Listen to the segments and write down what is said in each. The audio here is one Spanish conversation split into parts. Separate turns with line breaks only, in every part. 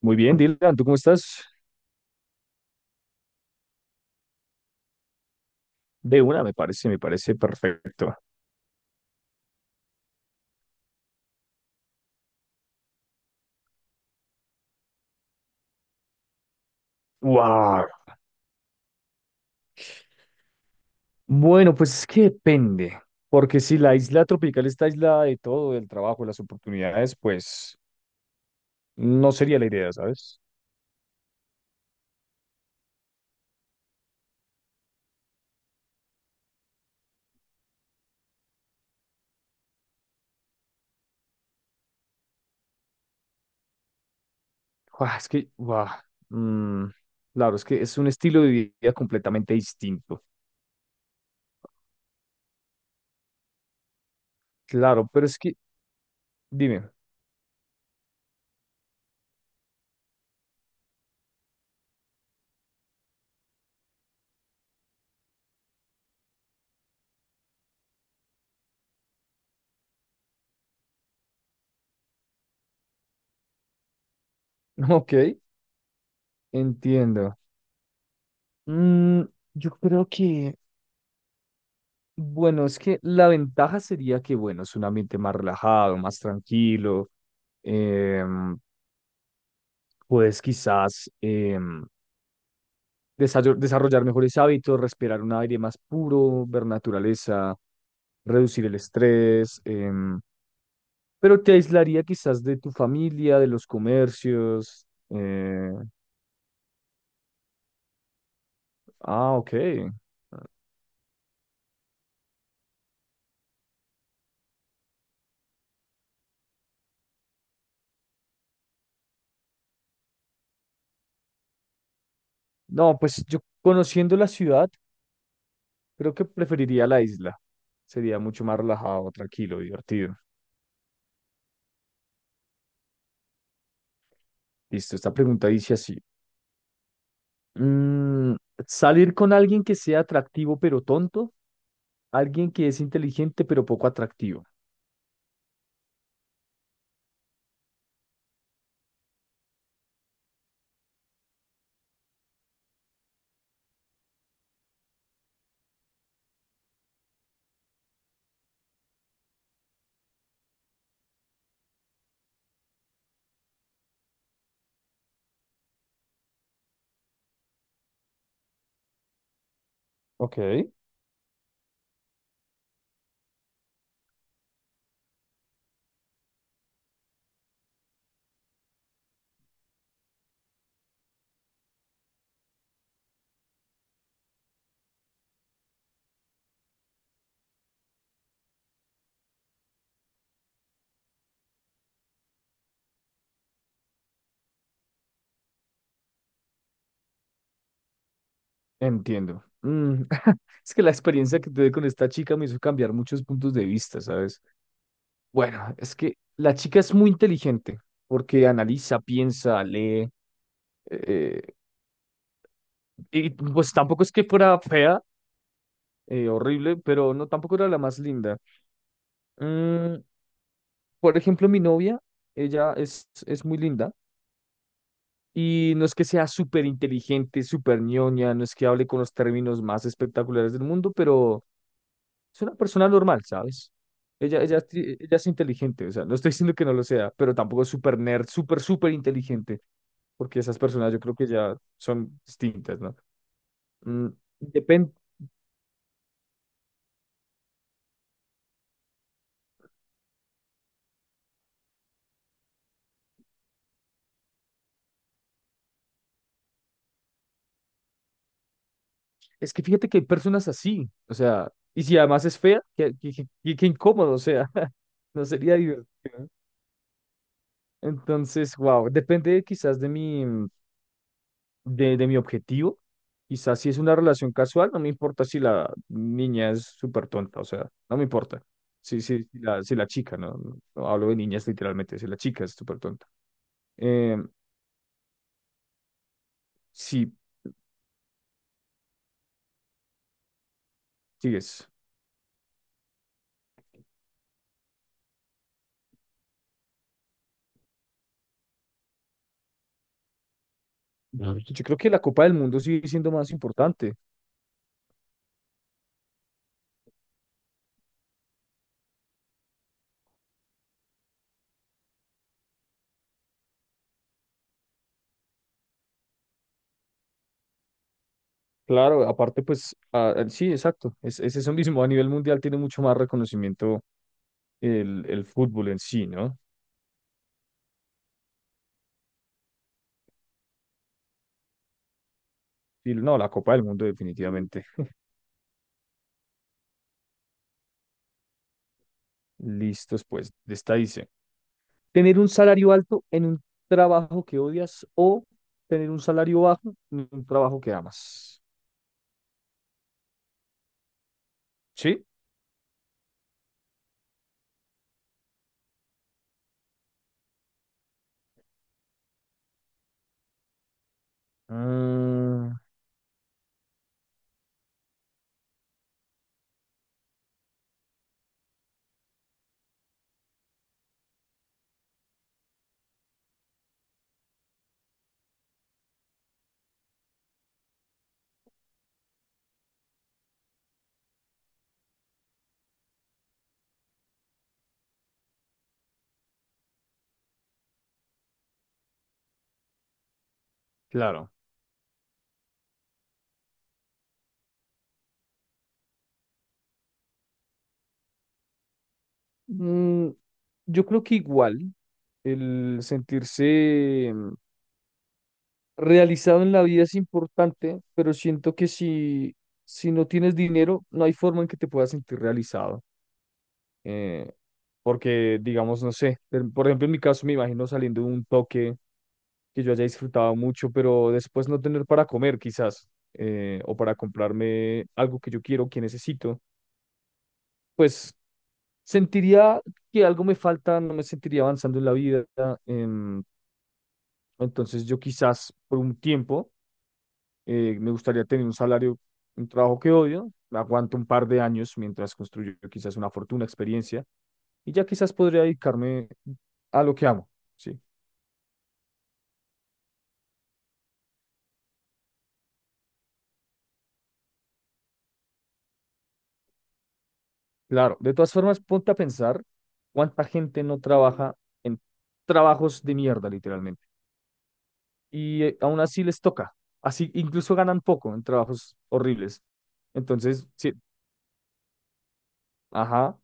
Muy bien, Dylan, ¿tú cómo estás? De una, me parece perfecto. Wow. Bueno, pues es que depende, porque si la isla tropical está aislada de todo, del trabajo, de las oportunidades, pues no sería la idea, ¿sabes? Guau, es que, guau, mm, claro, es que es un estilo de vida completamente distinto. Claro, pero es que, dime. Ok, entiendo. Mm, yo creo que, bueno, es que la ventaja sería que, bueno, es un ambiente más relajado, más tranquilo. em, Puedes quizás desarrollar mejores hábitos, respirar un aire más puro, ver naturaleza, reducir el estrés, pero te aislaría quizás de tu familia, de los comercios. Ah, ok. No, pues yo conociendo la ciudad, creo que preferiría la isla. Sería mucho más relajado, tranquilo, divertido. Listo, esta pregunta dice así. mm, ¿Salir con alguien que sea atractivo pero tonto? ¿Alguien que es inteligente pero poco atractivo? Ok. Entiendo. Es que la experiencia que tuve con esta chica me hizo cambiar muchos puntos de vista, ¿sabes? Bueno, es que la chica es muy inteligente porque analiza, piensa, lee. eh, y pues tampoco es que fuera fea, horrible, pero no tampoco era la más linda. Mm, por ejemplo, mi novia, ella es muy linda. Y no es que sea súper inteligente, súper ñoña, no es que hable con los términos más espectaculares del mundo, pero es una persona normal, ¿sabes? Ella, ella es inteligente, o sea, no estoy diciendo que no lo sea, pero tampoco es súper nerd, súper, súper inteligente, porque esas personas yo creo que ya son distintas, ¿no? Mm, depen- es que fíjate que hay personas así, o sea, y si además es fea, qué incómodo, o sea, no sería divertido. ¿No? Entonces, wow, depende quizás de mi objetivo. Quizás si es una relación casual, no me importa si la niña es súper tonta, o sea, no me importa. Si la chica, no hablo de niñas literalmente, si la chica es súper tonta. Eh, sí, sigues. Ujú. Yo creo que la Copa del Mundo sigue siendo más importante. Claro, aparte, pues, sí, exacto. Es eso mismo. A nivel mundial tiene mucho más reconocimiento el fútbol en sí, ¿no? Y no, la Copa del Mundo definitivamente. Listos, pues, de esta dice: tener un salario alto en un trabajo que odias o tener un salario bajo en un trabajo que amas. Sí. Mm, claro. Mm, yo creo que igual el sentirse realizado en la vida es importante, pero siento que si no tienes dinero, no hay forma en que te puedas sentir realizado. eh, Porque, digamos, no sé, por ejemplo, en mi caso me imagino saliendo de un toque que yo haya disfrutado mucho, pero después no tener para comer quizás, o para comprarme algo que yo quiero, que necesito, pues sentiría que algo me falta, no me sentiría avanzando en la vida. em, entonces yo quizás por un tiempo me gustaría tener un salario, un trabajo que odio, aguanto un par de años mientras construyo quizás una fortuna, experiencia, y ya quizás podría dedicarme a lo que amo, ¿sí? Claro, de todas formas, ponte a pensar cuánta gente no trabaja en trabajos de mierda, literalmente, y aún así les toca, así incluso ganan poco en trabajos horribles. Entonces, sí, ajá,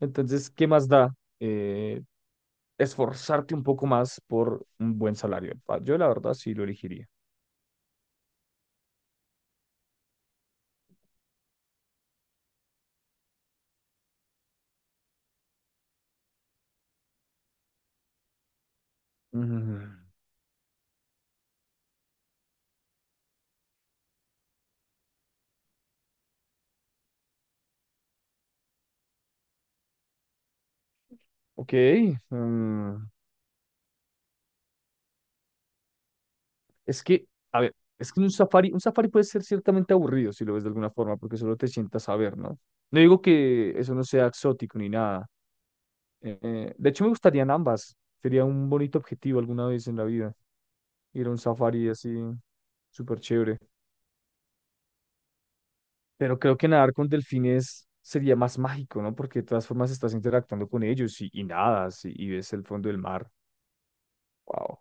entonces, ¿qué más da eh, esforzarte un poco más por un buen salario? Ah, yo la verdad sí lo elegiría. Mm, ok, mm, es que, a ver, es que un safari puede ser ciertamente aburrido si lo ves de alguna forma, porque solo te sientas a ver, ¿no? No digo que eso no sea exótico ni nada. De hecho, me gustarían ambas. Sería un bonito objetivo alguna vez en la vida, ir a un safari así, súper chévere. Pero creo que nadar con delfines sería más mágico, ¿no? Porque de todas formas estás interactuando con ellos y, nadas y ves el fondo del mar. Wow.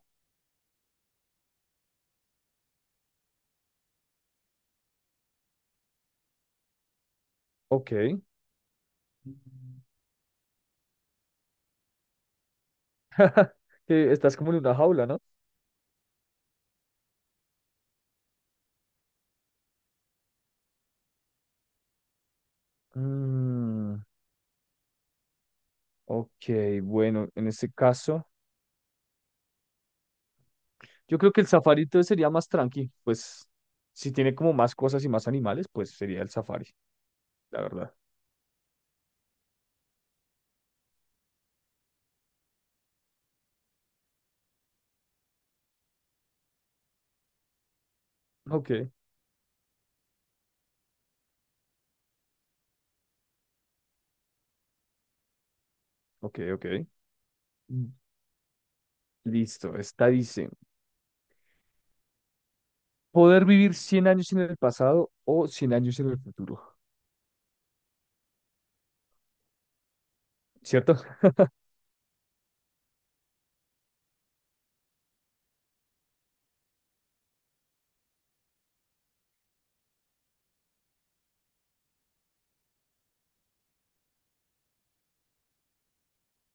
Ok. Estás como en una jaula, ¿no? Mm. Ok, bueno, en este caso, yo creo que el safari entonces sería más tranqui, pues si tiene como más cosas y más animales, pues sería el safari, la verdad. Ok, ok, ok. Mm, Listo, esta dice: poder vivir 100 años en el pasado o 100 años en el futuro, ¿cierto?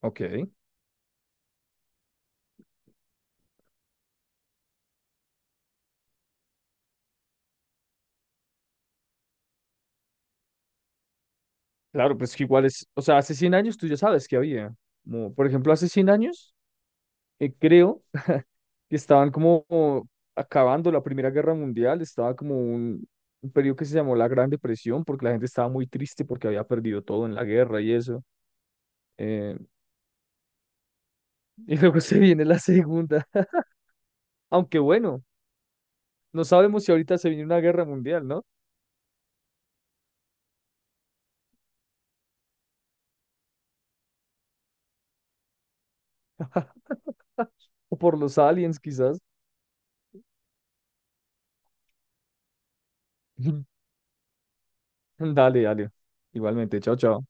Ok, claro, pues que igual es, o sea, hace 100 años tú ya sabes que había, como, por ejemplo, hace 100 años, creo que estaban como acabando la Primera Guerra Mundial, estaba como un periodo que se llamó la Gran Depresión, porque la gente estaba muy triste porque había perdido todo en la guerra y eso. eh, y luego se viene la segunda, aunque bueno, no sabemos si ahorita se viene una guerra mundial, ¿no? O por los aliens quizás. Dale, dale. Igualmente, chao, chao.